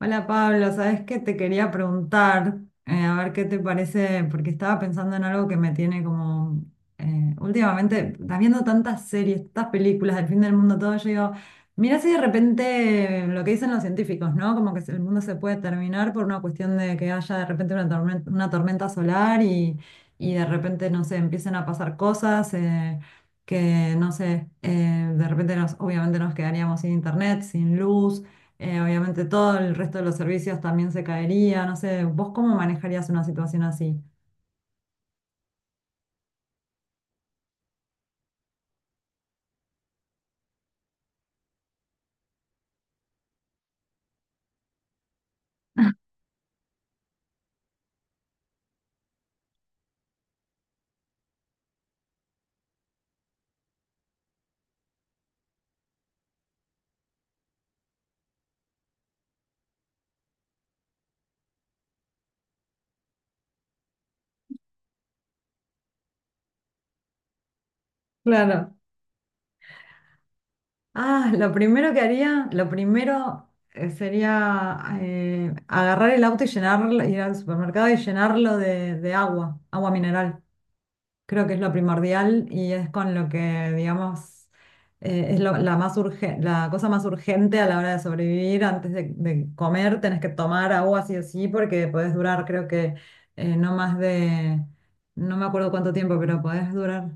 Hola Pablo, sabes que te quería preguntar, a ver qué te parece, porque estaba pensando en algo que me tiene como últimamente, estás viendo tantas series, tantas películas del fin del mundo, todo, yo digo, mira si de repente lo que dicen los científicos, ¿no? Como que el mundo se puede terminar por una cuestión de que haya de repente una tormenta solar y de repente, no sé, empiecen a pasar cosas. Que no sé, de repente nos, obviamente nos quedaríamos sin internet, sin luz, obviamente todo el resto de los servicios también se caería, no sé, ¿vos cómo manejarías una situación así? Claro. Ah, lo primero que haría, lo primero sería agarrar el auto y llenarlo, ir al supermercado y llenarlo de agua, agua mineral. Creo que es lo primordial y es con lo que, digamos, es la cosa más urgente a la hora de sobrevivir. Antes de comer tenés que tomar agua sí o sí porque podés durar, creo que no más de, no me acuerdo cuánto tiempo, pero podés durar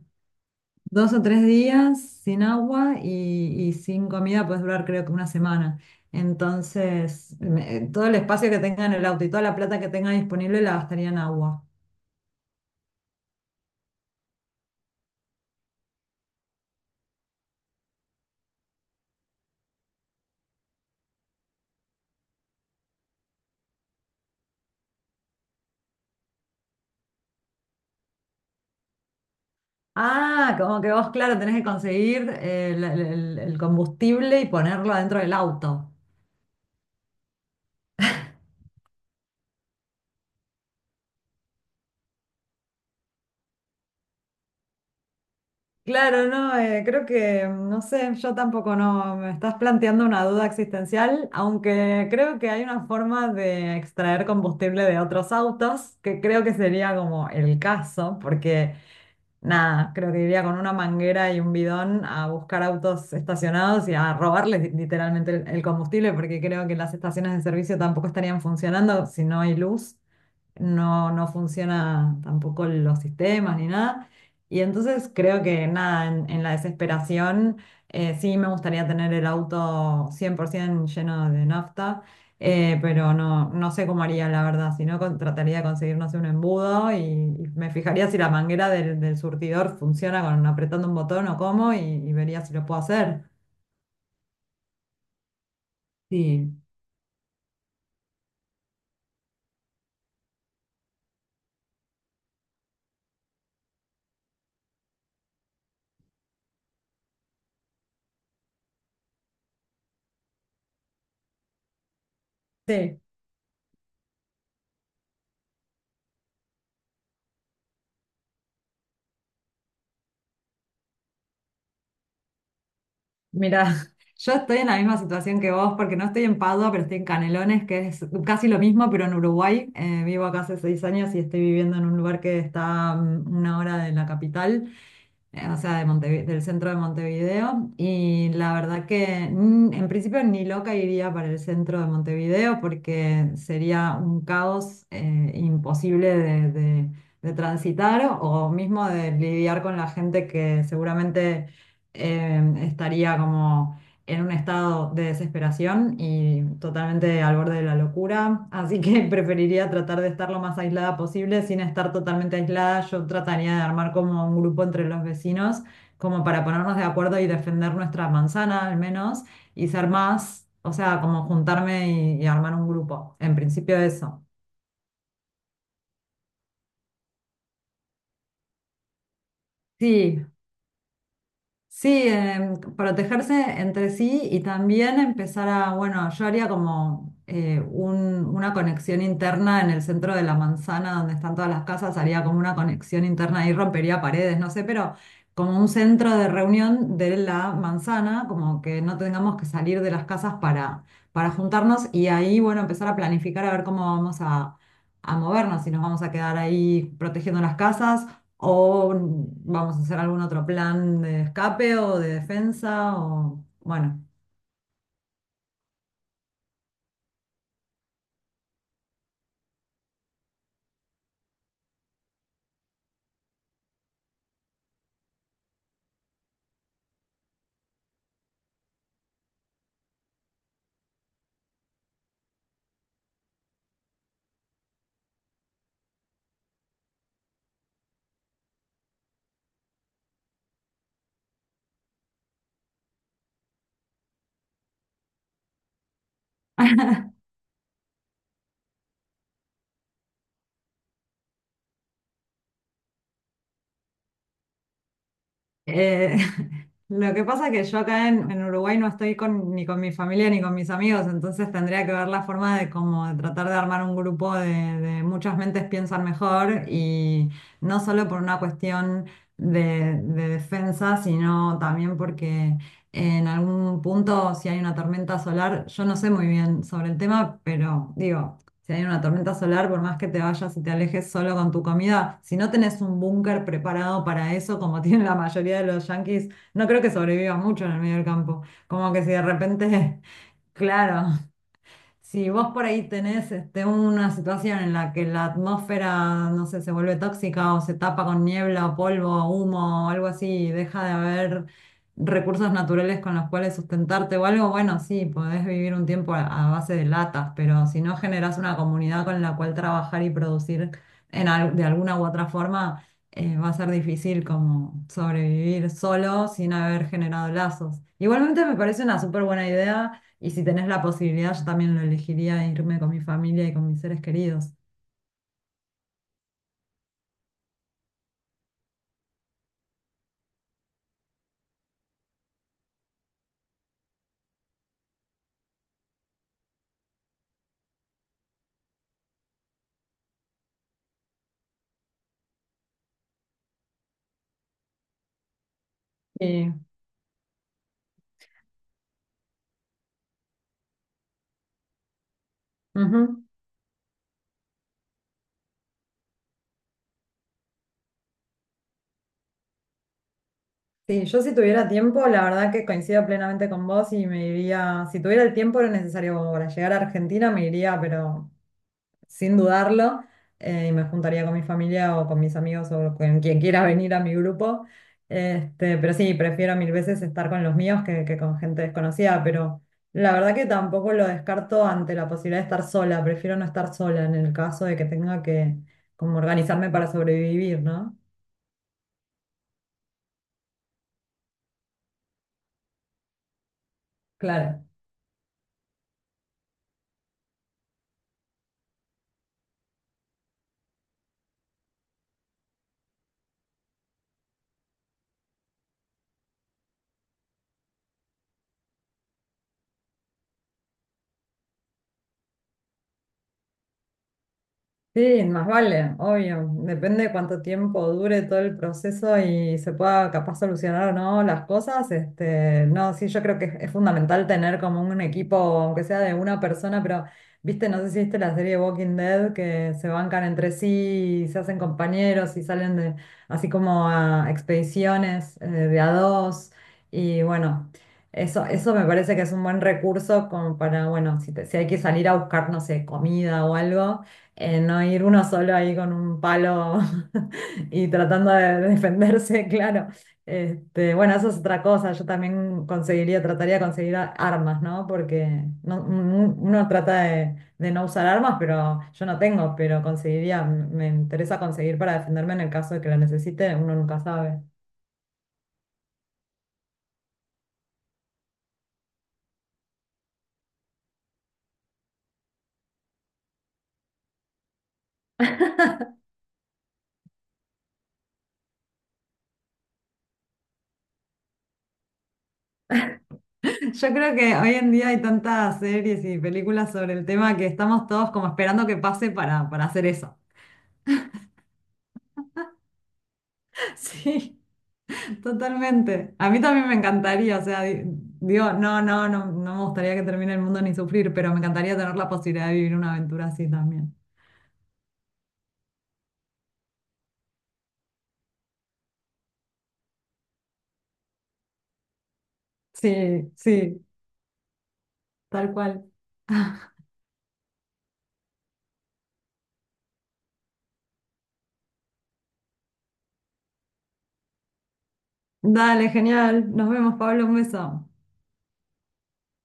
2 o 3 días sin agua y sin comida podés durar creo que una semana. Entonces, todo el espacio que tenga en el auto y toda la plata que tenga disponible la gastaría en agua. Ah, como que vos, claro, tenés que conseguir el combustible y ponerlo dentro del auto. Claro, no, creo que, no sé, yo tampoco no, me estás planteando una duda existencial, aunque creo que hay una forma de extraer combustible de otros autos, que creo que sería como el caso, porque nada, creo que iría con una manguera y un bidón a buscar autos estacionados y a robarles literalmente el combustible, porque creo que las estaciones de servicio tampoco estarían funcionando si no hay luz, no, no funciona tampoco los sistemas ni nada. Y entonces creo que nada, en la desesperación sí me gustaría tener el auto 100% lleno de nafta, pero no, no sé cómo haría la verdad, si no trataría de conseguir, no sé, un embudo y me fijaría si la manguera del surtidor funciona con apretando un botón o cómo y vería si lo puedo hacer. Sí. Sí. Mira, yo estoy en la misma situación que vos porque no estoy en Padua, pero estoy en Canelones, que es casi lo mismo, pero en Uruguay. Vivo acá hace 6 años y estoy viviendo en un lugar que está 1 hora de la capital o sea, de del centro de Montevideo. Y la verdad que mm, en principio ni loca iría para el centro de Montevideo porque sería un caos imposible de, de transitar o mismo de lidiar con la gente que seguramente estaría como en un estado de desesperación y totalmente al borde de la locura, así que preferiría tratar de estar lo más aislada posible. Sin estar totalmente aislada, yo trataría de armar como un grupo entre los vecinos, como para ponernos de acuerdo y defender nuestra manzana al menos, y ser más, o sea, como juntarme y armar un grupo. En principio eso. Sí. Sí, em, protegerse entre sí y también empezar a, bueno, yo haría como una conexión interna en el centro de la manzana donde están todas las casas, haría como una conexión interna y rompería paredes, no sé, pero como un centro de reunión de la manzana, como que no tengamos que salir de las casas para juntarnos y ahí, bueno, empezar a planificar a ver cómo vamos a movernos, si nos vamos a quedar ahí protegiendo las casas o vamos a hacer algún otro plan de escape o de defensa o bueno. Eh, lo que pasa es que yo acá en Uruguay no estoy con, ni con mi familia ni con mis amigos, entonces tendría que ver la forma de como de tratar de armar un grupo de muchas mentes piensan mejor y no solo por una cuestión de defensa, sino también porque en algún punto si hay una tormenta solar, yo no sé muy bien sobre el tema, pero digo, si hay una tormenta solar, por más que te vayas y te alejes solo con tu comida, si no tenés un búnker preparado para eso, como tienen la mayoría de los yanquis, no creo que sobreviva mucho en el medio del campo. Como que si de repente, claro, si vos por ahí tenés este, una situación en la que la atmósfera, no sé, se vuelve tóxica o se tapa con niebla o polvo o humo o algo así y deja de haber recursos naturales con los cuales sustentarte o algo, bueno, sí, podés vivir un tiempo a base de latas, pero si no generás una comunidad con la cual trabajar y producir en de alguna u otra forma, va a ser difícil como sobrevivir solo sin haber generado lazos. Igualmente me parece una súper buena idea y si tenés la posibilidad, yo también lo elegiría irme con mi familia y con mis seres queridos. Sí, ujú. Sí, yo si tuviera tiempo, la verdad que coincido plenamente con vos y me iría, si tuviera el tiempo lo necesario como para llegar a Argentina, me iría, pero sin dudarlo, y me juntaría con mi familia o con mis amigos o con quien quiera venir a mi grupo. Este, pero sí, prefiero mil veces estar con los míos que con gente desconocida, pero la verdad que tampoco lo descarto ante la posibilidad de estar sola, prefiero no estar sola en el caso de que tenga que como organizarme para sobrevivir, ¿no? Claro. Sí, más vale, obvio. Depende de cuánto tiempo dure todo el proceso y se pueda capaz solucionar o no las cosas. Este, no, sí, yo creo que es fundamental tener como un equipo, aunque sea de una persona, pero viste, no sé si viste la serie Walking Dead, que se bancan entre sí, y se hacen compañeros y salen de, así como a expediciones de a dos. Y bueno, eso me parece que es un buen recurso como para, bueno, si, si hay que salir a buscar, no sé, comida o algo, no ir uno solo ahí con un palo y tratando de defenderse, claro. Este, bueno, eso es otra cosa. Yo también conseguiría, trataría de conseguir armas, ¿no? Porque uno trata de no usar armas, pero yo no tengo, pero conseguiría, me interesa conseguir para defenderme en el caso de que la necesite, uno nunca sabe. Yo creo que hoy en día hay tantas series y películas sobre el tema que estamos todos como esperando que pase para hacer eso. Sí. Totalmente. A mí también me encantaría, o sea, digo, no, no, no, no me gustaría que termine el mundo ni sufrir, pero me encantaría tener la posibilidad de vivir una aventura así también. Sí, sí, tal cual. Dale, genial. Nos vemos, Pablo, un beso.